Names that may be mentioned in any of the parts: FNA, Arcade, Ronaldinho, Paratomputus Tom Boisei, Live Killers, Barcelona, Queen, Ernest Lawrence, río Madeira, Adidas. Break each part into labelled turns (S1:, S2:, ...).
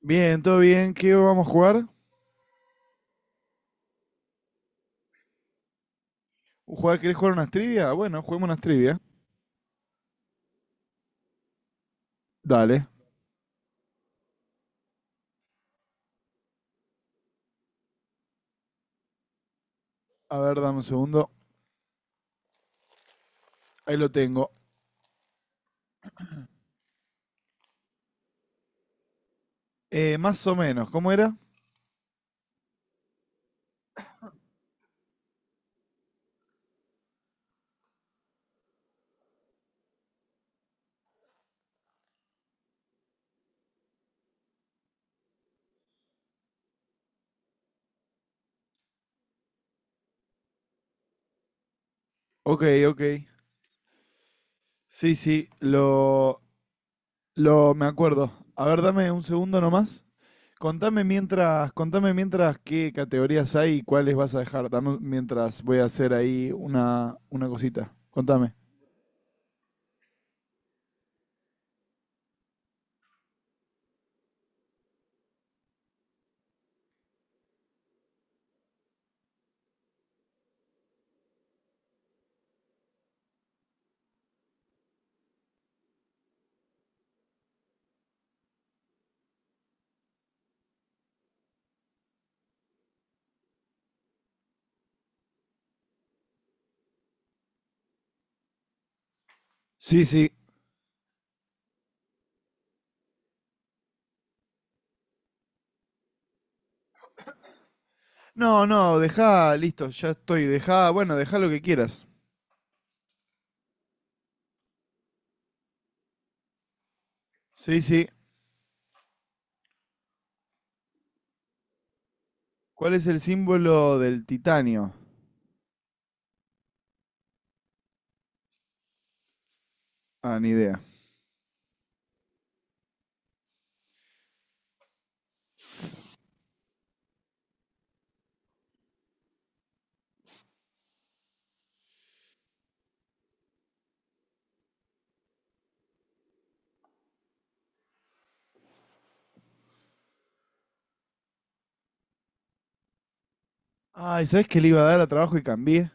S1: Bien, todo bien. ¿Qué vamos a jugar? ¿Jugar? ¿Querés jugar unas trivia? Bueno, juguemos unas trivia. Dale. A ver, dame un segundo. Ahí lo tengo. Más o menos, ¿cómo era? Ok, ok. Sí, sí, lo me acuerdo. A ver, dame un segundo nomás. Contame mientras qué categorías hay y cuáles vas a dejar. Dame mientras voy a hacer ahí una cosita. Contame. Sí, sí. No, no, dejá, listo, ya estoy. Dejá, bueno, dejá lo que quieras. Sí, sí. ¿Cuál es el símbolo del titanio? Ah, ni idea. Ay, ¿sabes que le iba a dar a trabajo y cambié?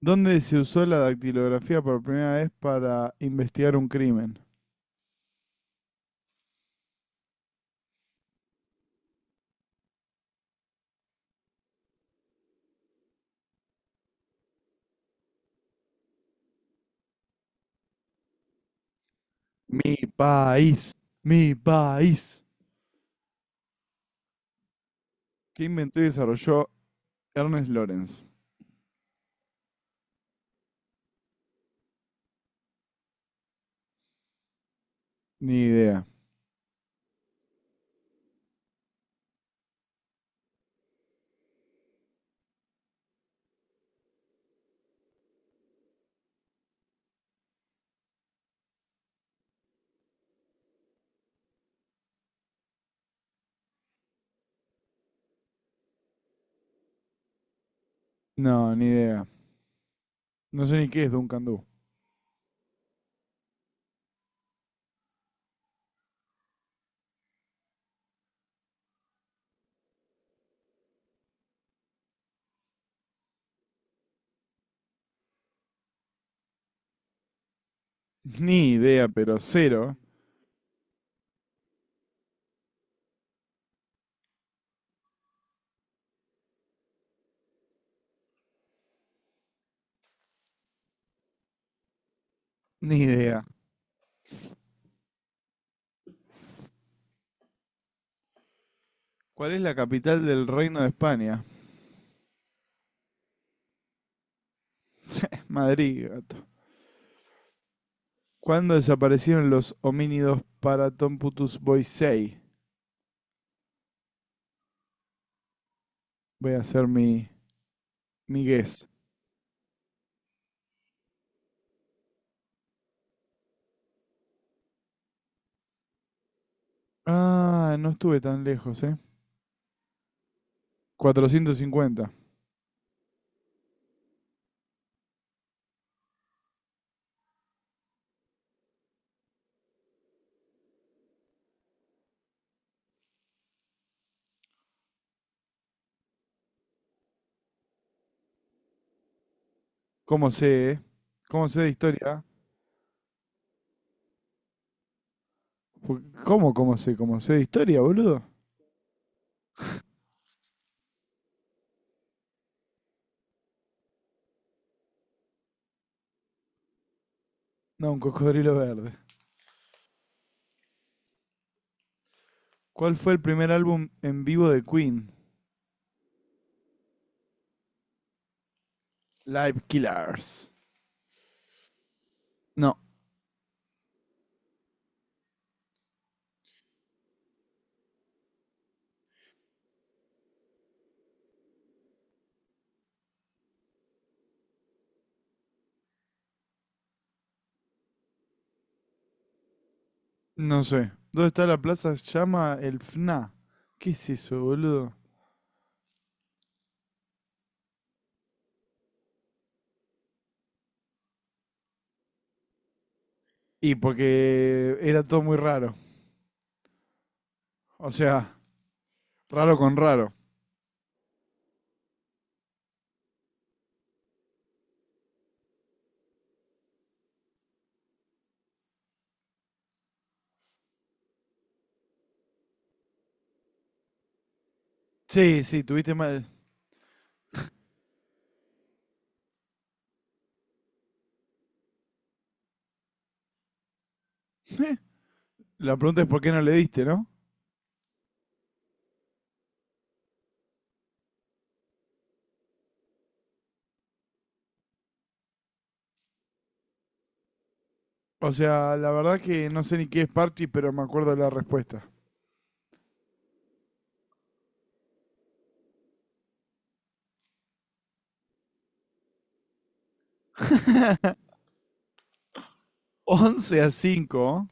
S1: ¿Dónde se usó la dactilografía por primera vez para investigar un crimen? Mi país, mi país. ¿Qué inventó y desarrolló Ernest Lawrence? Ni idea. No, ni idea. No sé ni qué es Duncan Du. Ni idea, pero cero. Ni idea. ¿Cuál es la capital del Reino de España? Madrid, gato. ¿Cuándo desaparecieron los homínidos paratomputus Tom Boisei? Voy a hacer mi guess. Ah, no estuve tan lejos, ¿eh? 450. ¿Cómo sé, eh? ¿Cómo sé de historia? ¿Cómo sé? ¿Cómo sé de historia, boludo? No, un cocodrilo verde. ¿Cuál fue el primer álbum en vivo de Queen? Live Killers. No, No sé. ¿Dónde está la plaza? Se llama el FNA. ¿Qué es eso, boludo? Y porque era todo muy raro. O sea, raro con raro. Sí, sí, tuviste mal. La pregunta es por qué no le diste, ¿no? O sea, la verdad que no sé ni qué es party, pero me acuerdo la respuesta. 11 a cinco.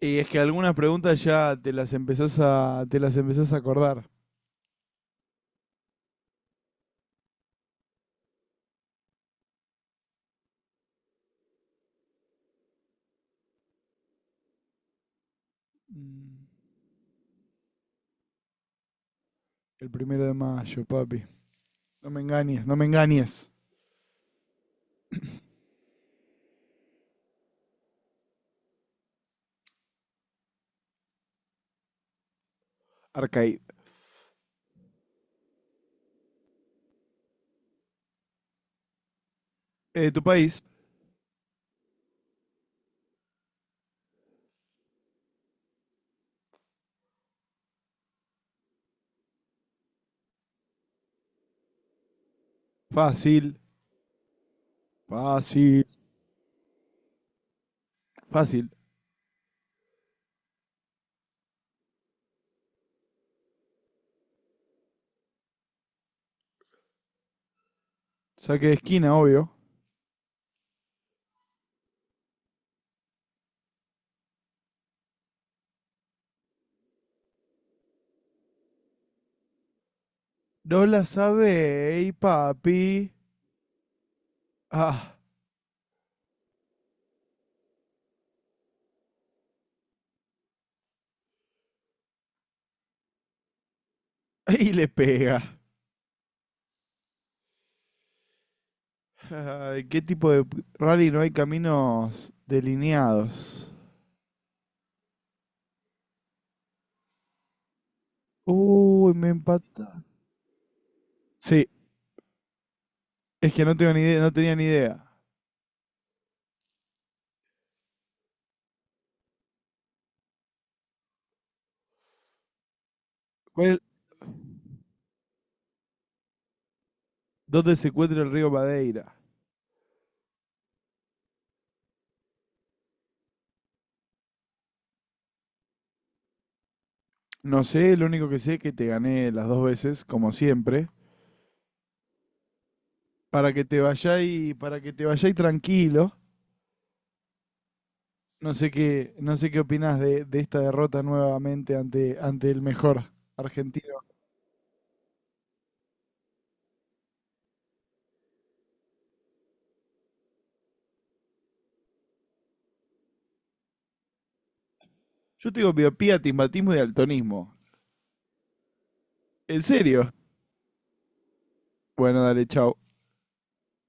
S1: Y es que algunas preguntas ya te las empezás a acordar. Mm, el primero de mayo, papi. No me engañes, no me engañes. Arcade. ¿Tu país? Fácil, fácil, fácil. Saque de esquina, obvio. No la sabéis, papi. Ah, y le pega. Ay, ¿qué tipo de rally no hay caminos delineados? Uy, me empata. Sí, es que no tengo ni idea, no tenía ni idea. ¿Cuál- ¿Dónde se encuentra el río Madeira? No sé, lo único que sé es que te gané las dos veces, como siempre. Para que te vayáis, para que te vayáis tranquilo. No sé qué opinás de esta derrota nuevamente ante el mejor argentino. Yo te digo miopía, timbatismo y daltonismo. ¿En serio? Bueno, dale, chau.